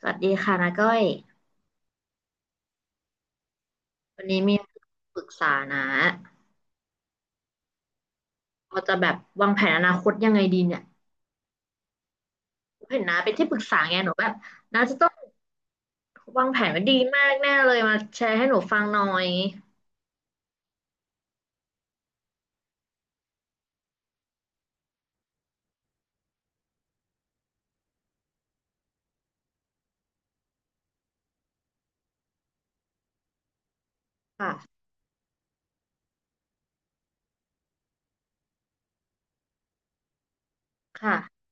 สวัสดีค่ะนาก้อยวันนี้มีปรึกษานะเราจะแบบวางแผนอนาคตยังไงดีเนี่ยเห็นนะเป็นที่ปรึกษาไงหนูแบบนาจะต้องวางแผนไว้ดีมากแน่เลยมาแชร์ให้หนูฟังหน่อยค่ะค่ะ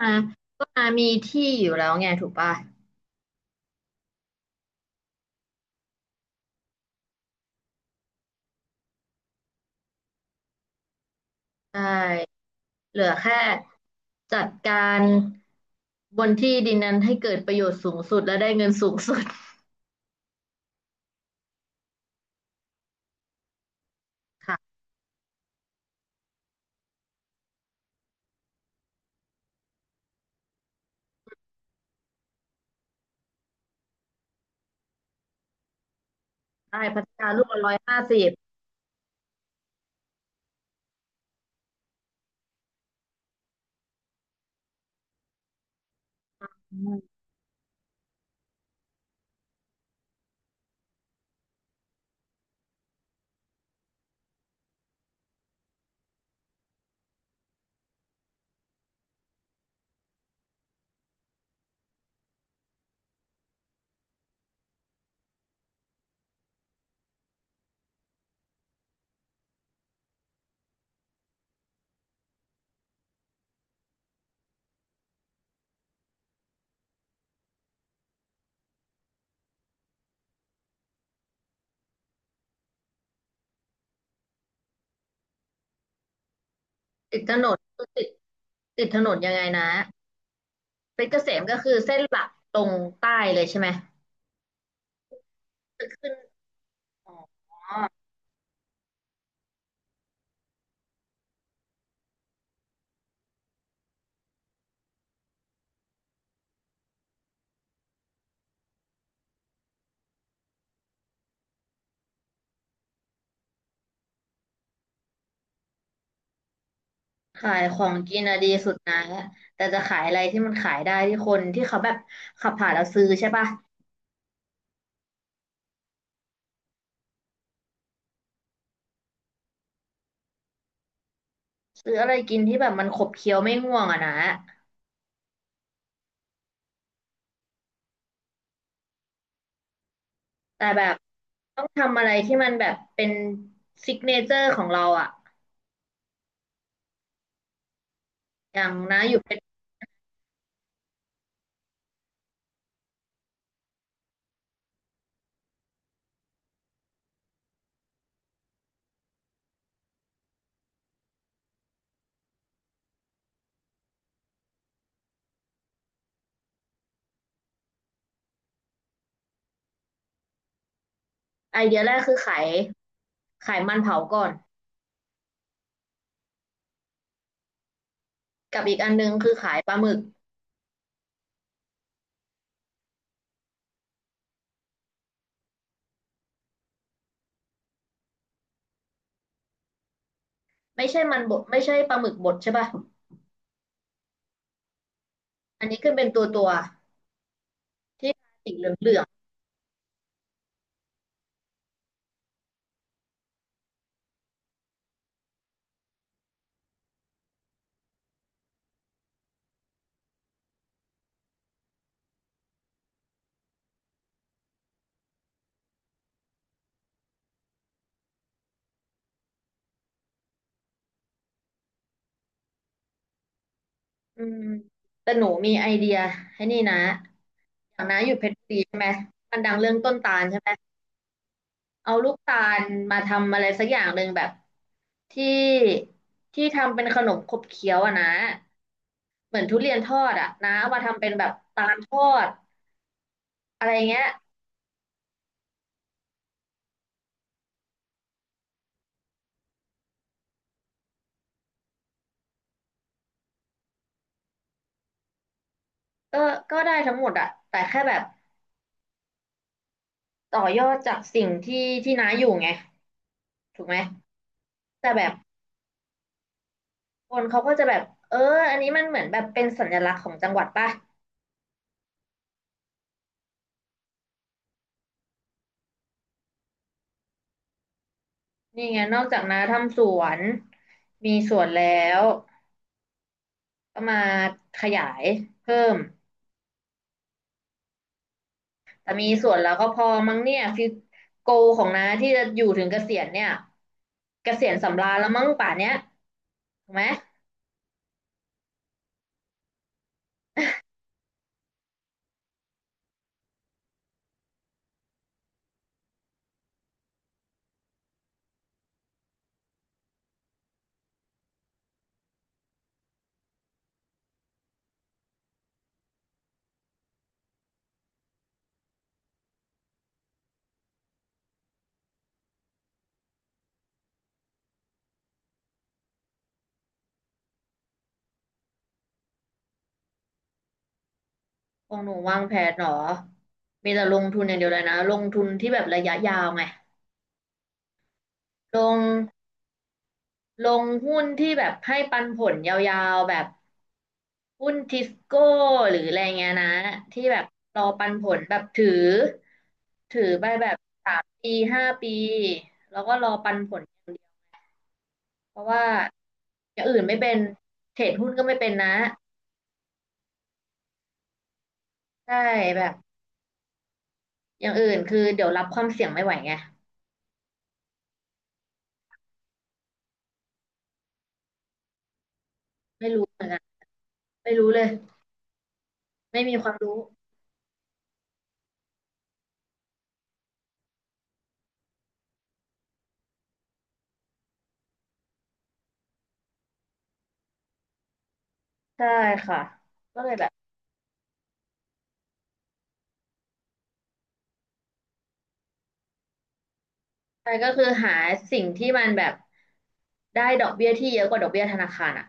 อ่าก็นามีที่อยู่แล้วไงถูกป่ะใช่เหลือแค่จัดการบนที่ดินนั้นให้เกิดประโยชน์สูงสุดและได้เงินสูงสุดค่ะได้พัฒนาลูกละร้อยห้าสิบติดถนนติดติดถนนยังไงนะ เพชรเกษมก็คือเส้นหลักตรงใต้เลยใช่ไหมจะขึ้นอ๋อขายของกินอะดีสุดนะแต่จะขายอะไรที่มันขายได้ที่คนที่เขาแบบขับผ่านแล้วซื้อใช่ปะซื้ออะไรกินที่แบบมันขบเคี้ยวไม่ง่วงอะนะแต่แบบต้องทำอะไรที่มันแบบเป็นซิกเนเจอร์ของเราอะอย่างนะอยู่เป็นไอเดียแรกคือขายมันเผาก่อนกับอีกอันนึงคือขายปลาหมึกไม่ใช่มันบดไม่ใช่ปลาหมึกบดใช่ปะอันนี้ขึ้นเป็นตัว ที่พลาสีเหลืองๆอืมแต่หนูมีไอเดียให้นี่นะอย่างน้าอยู่เพชรบุรีใช่ไหมมันดังเรื่องต้นตาลใช่ไหมเอาลูกตาลมาทำอะไรสักอย่างหนึ่งแบบที่ทำเป็นขนมขบเคี้ยวอะนะเหมือนทุเรียนทอดอะนะเอามาทำเป็นแบบตาลทอดอะไรเงี้ยก็ก็ได้ทั้งหมดอะแต่แค่แบบต่อยอดจากสิ่งที่ที่น้าอยู่ไงถูกไหมแต่แบบคนเขาก็จะแบบเอออันนี้มันเหมือนแบบเป็นสัญลักษณ์ของจังหวัดป่ะ นี่ไงนอกจากน้าทำสวนมีสวนแล้วก็มาขยายเพิ่มแต่มีสวนแล้วก็พอมั้งเนี่ยฟิวโกของน้าที่จะอยู่ถึงเกษียณเนี่ยเกษียณสำราญแล้วมั้งป่านเนี้ยถูกไหมของหนูวางแผนเหรอมีแต่ลงทุนอย่างเดียวเลยนะลงทุนที่แบบระยะยาวไงลงลงหุ้นที่แบบให้ปันผลยาวๆแบบ หุ้นทิสโก้หรืออะไรเงี้ยนะที่แบบรอปันผลแบบถือถือไปแบบปีห้าปีแล้วก็รอปันผลอย่างเดียวเพราะว่าอย่างอื่นไม่เป็นเทรดหุ้นก็ไม่เป็นนะใช่แบบอย่างอื่นคือเดี๋ยวรับความเสี่ยงไม่ไหวไงไม่รู้เหมือนกันไม่รู้เลยไม่มีความรู้ใช่ค่ะก็เลยแบบใช่ก็คือหาสิ่งที่มันแบบได้ดอกเบี้ยที่เยอะกว่าดอกเบี้ยธนาคารอ่ะ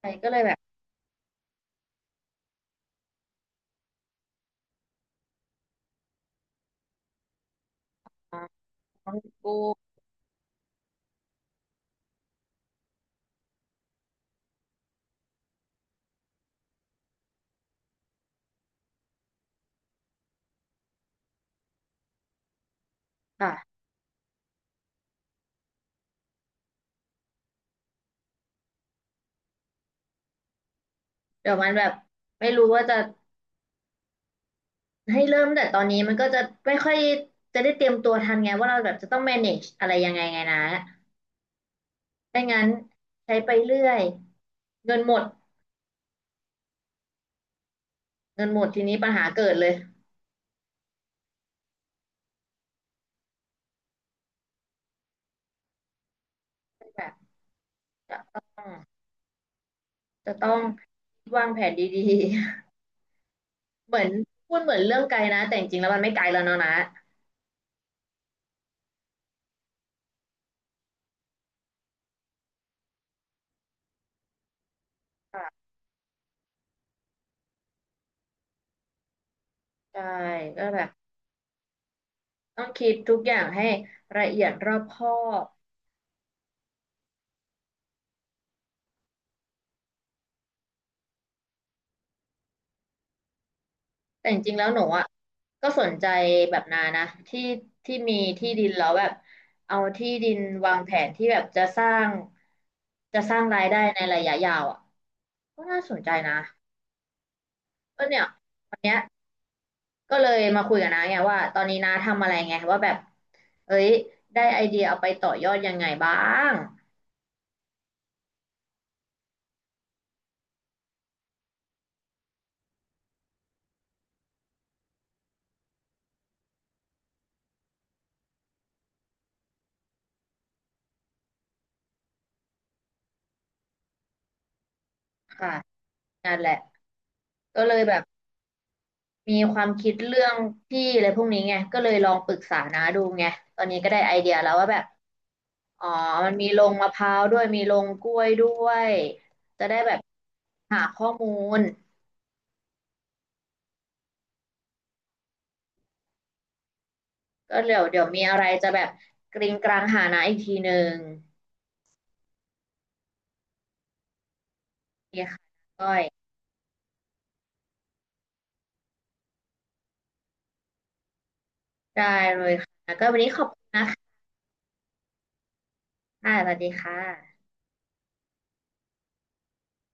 ใช่ก็เลยแบบลองดูค่ะ เดี๋ยวมันแบบไม่รู้ว่าจะให้เริ่มแต่ตอนนี้มันก็จะไม่ค่อยจะได้เตรียมตัวทันไงว่าเราแบบจะต้อง manage อะไรยังไงไงนะไม่งั้นใช้ไปเรื่อยเงินหมดเงินหมดทีนี้ปัญหาเกิดเลยแบบจะต้องวางแผนดีๆ เหมือนพูดเหมือนเรื่องไกลนะแต่จริงๆแล้วมันไม่ไกลแล้วเนาะนะค่ะใช่ก็แบบต้องคิดทุกอย่างให้ละเอียดรอบคอบ แต่จริงๆแล้วหนูอ่ะก็สนใจแบบนานะที่มีที่ดินแล้วแบบเอาที่ดินวางแผนที่แบบจะสร้างรายได้ในระยะยาวอ่ะก็น่าสนใจนะก็เนี่ยวันเนี้ยก็เลยมาคุยกับน้าไงว่าตอนนี้น้าทำอะไรไงว่าแบบเอ้ยได้ไอเดียเอาไปต่อยอดยังไงบ้างค่ะนั่นแหละก็เลยแบบมีความคิดเรื่องที่อะไรพวกนี้ไงก็เลยลองปรึกษาน้าดูไงตอนนี้ก็ได้ไอเดียแล้วว่าแบบ อ๋อมันมีลงมะพร้าวด้วยมีลงกล้วยด้วย จะได้แบบหาข้อมูล ก็เดี๋ยวมีอะไรจะแบบกริงกลางหานะอีกทีหนึ่งโอเคค่ะก้อยได้เลยค่ะก็วันนี้ขอบคุณค่ะสวัสดีค่ะ